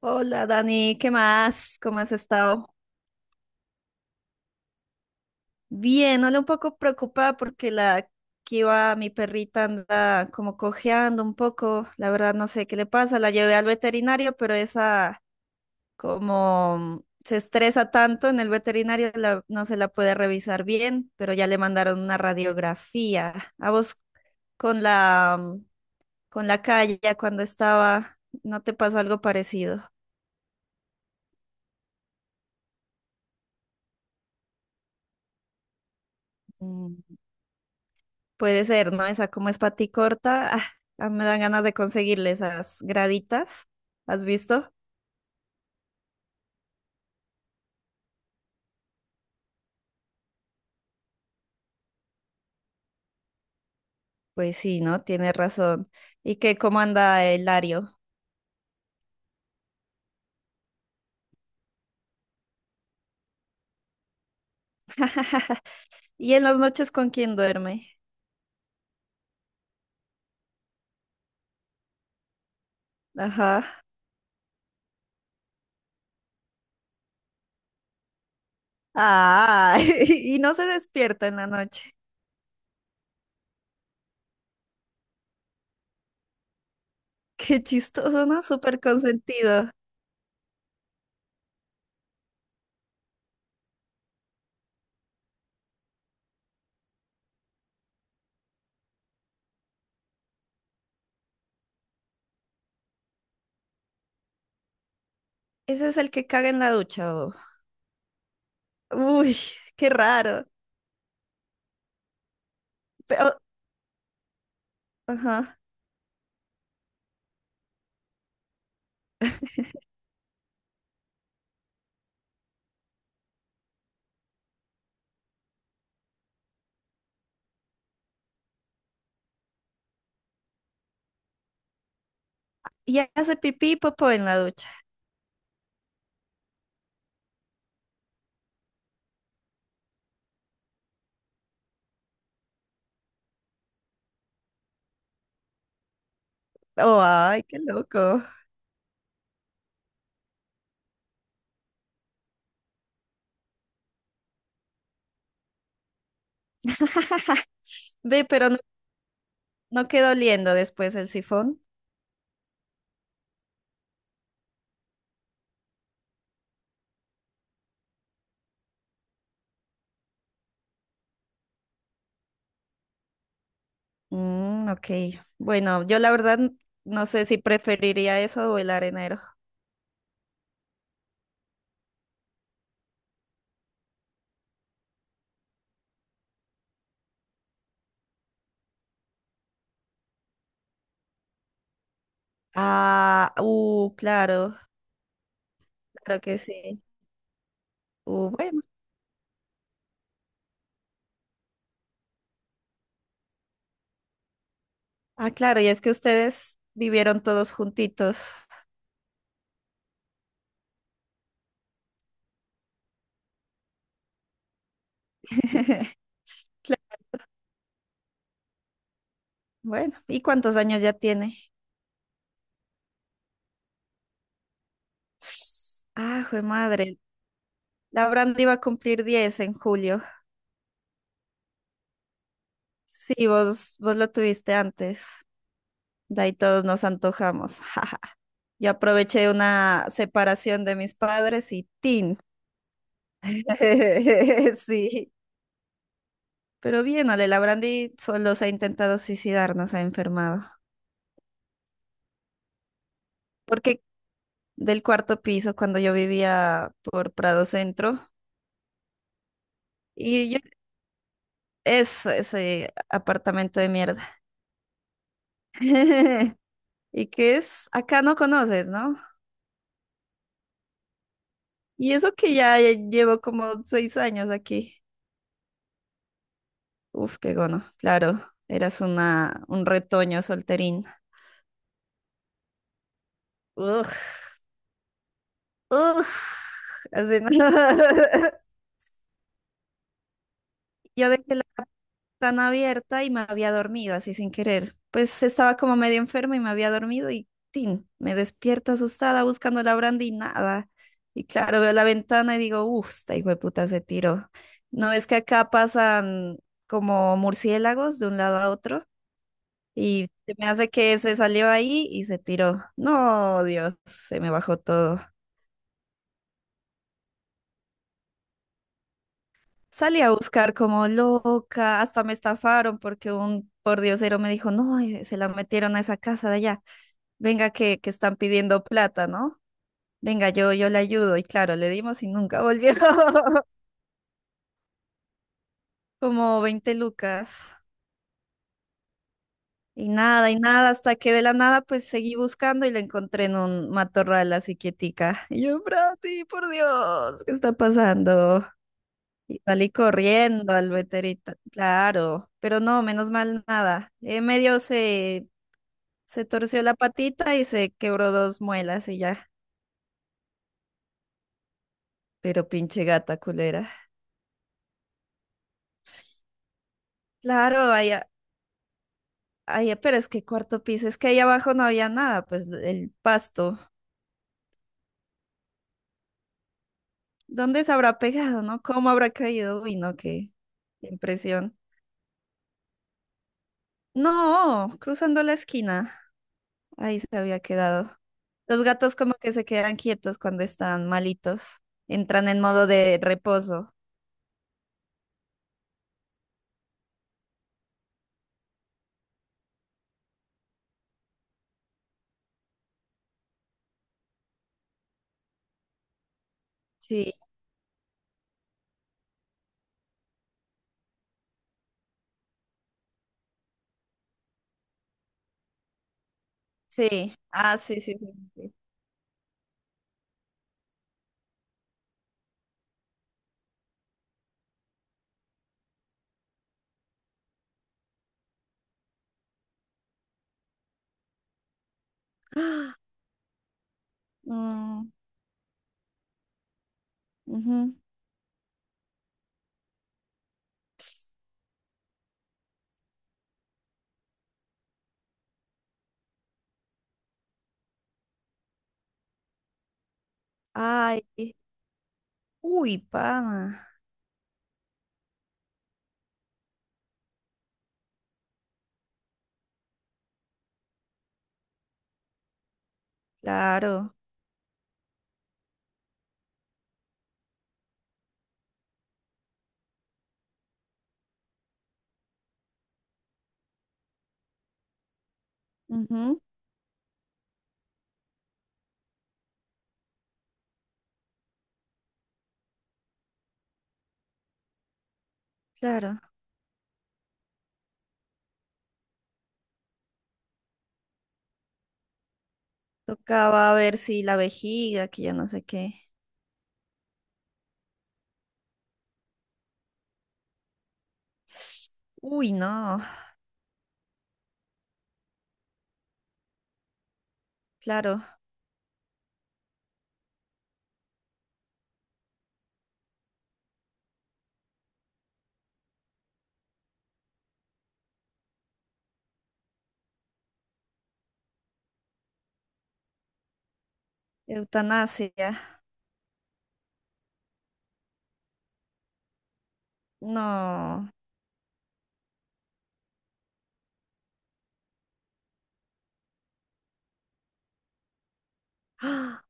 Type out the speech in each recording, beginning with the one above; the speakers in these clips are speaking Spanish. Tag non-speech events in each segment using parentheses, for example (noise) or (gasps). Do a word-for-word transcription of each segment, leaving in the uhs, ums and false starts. Hola Dani, ¿qué más? ¿Cómo has estado? Bien, hola, un poco preocupada porque la Kiva, mi perrita, anda como cojeando un poco. La verdad no sé qué le pasa. La llevé al veterinario, pero esa como se estresa tanto en el veterinario, la- no se la puede revisar bien, pero ya le mandaron una radiografía. A vos con la con la calle cuando estaba, ¿no te pasó algo parecido? Mm. Puede ser, ¿no? Esa como es pati corta, ah, ah, me dan ganas de conseguirle esas graditas. ¿Has visto? Pues sí, ¿no? Tienes razón. ¿Y qué, cómo anda el Lario? ¿Y en las noches con quién duerme? Ajá. Ah, (laughs) y no se despierta en la noche. (laughs) Qué chistoso, ¿no? Súper consentido. Ese es el que caga en la ducha, ¿o? Uy, qué raro. Pero, ajá. Y hace pipí y popó en la ducha. Oh, ay, qué loco. (laughs) Ve, pero no No quedó oliendo después el sifón. Mm, ok. Bueno, yo la verdad n- no sé si preferiría eso o el arenero. Ah, uh, claro, claro que sí. Uh, bueno. Ah, claro, y es que ustedes vivieron todos juntitos. (laughs) Claro. Bueno, ¿y cuántos años ya tiene? Ah, jue madre. La Brand iba a cumplir diez en julio. Sí, vos, vos lo tuviste antes. De ahí todos nos antojamos. (laughs) jaja. Yo aproveché una separación de mis padres y ¡tin! (laughs) Sí. Pero bien, Ale Labrandi solo se ha intentado suicidar, no se ha enfermado. Porque del cuarto piso, cuando yo vivía por Prado Centro, y yo, eso, ese apartamento de mierda. (laughs) Y que es, acá no conoces, ¿no? Y eso que ya llevo como seis años aquí. Uf, qué gono. Claro, eras una, un retoño solterín. Uf, uf. Así no. (laughs) Yo dejé la ventana abierta y me había dormido así sin querer. Pues estaba como medio enferma y me había dormido y tin, me despierto asustada buscando la brandy y nada. Y claro, veo la ventana y digo, uf, esta hijo de puta se tiró. No es que acá pasan como murciélagos de un lado a otro. Y se me hace que se salió ahí y se tiró. No, Dios, se me bajó todo. Salí a buscar como loca, hasta me estafaron porque un pordiosero me dijo, no, eh, se la metieron a esa casa de allá. Venga que, que están pidiendo plata, ¿no? Venga, yo, yo le ayudo. Y claro, le dimos y nunca volvió. (laughs) Como veinte lucas. Y nada, y nada, hasta que de la nada pues seguí buscando y la encontré en un matorral así quietica. Y yo, Brati, por Dios, ¿qué está pasando? Y salí corriendo al veterinario, claro, pero no, menos mal nada. Eh, medio se, se torció la patita y se quebró dos muelas y ya. Pero pinche gata culera. Claro, allá, allá, pero es que cuarto piso, es que ahí abajo no había nada, pues el pasto. ¿Dónde se habrá pegado, no? ¿Cómo habrá caído? Uy, no, qué impresión. No, cruzando la esquina. Ahí se había quedado. Los gatos como que se quedan quietos cuando están malitos. Entran en modo de reposo. Sí, sí. Ah, sí, sí, sí. Sí. (gasps) Mm, ujú. Ay, uy, pana. Claro. Ujú, claro. Tocaba ver si la vejiga, que yo no sé qué. (gasps) Uy, no. Claro. Eutanasia. No. (gasps) ¡Ah!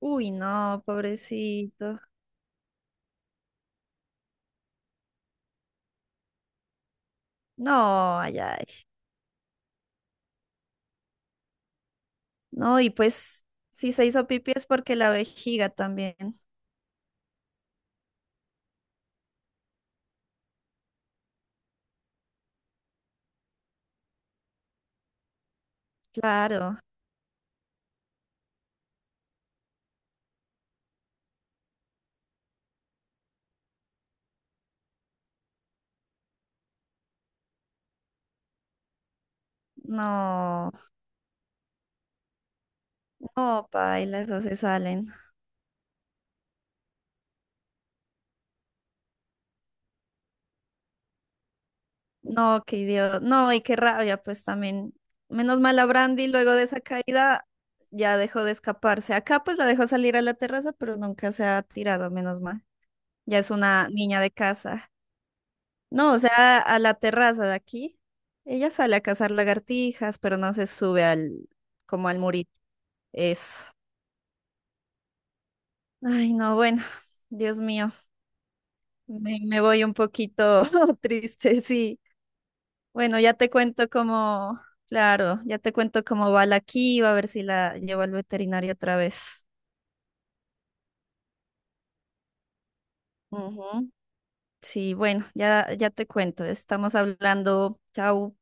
Uy, no, pobrecito. No, ay, ay. No, y pues si se hizo pipí es porque la vejiga también. Claro, no, no, paila, eso se salen. No, qué idiota, no, y qué rabia, pues también. Menos mal a Brandy luego de esa caída ya dejó de escaparse. Acá pues la dejó salir a la terraza, pero nunca se ha tirado, menos mal. Ya es una niña de casa. No, o sea, a la terraza de aquí. Ella sale a cazar lagartijas, pero no se sube al, como al murito. Eso. Ay, no, bueno, Dios mío, me, me voy un poquito (laughs) triste, sí. Bueno, ya te cuento cómo, claro, ya te cuento cómo va la Kiva, a ver si la llevo al veterinario otra vez. Ujú. Sí, bueno, ya, ya te cuento, estamos hablando, chao.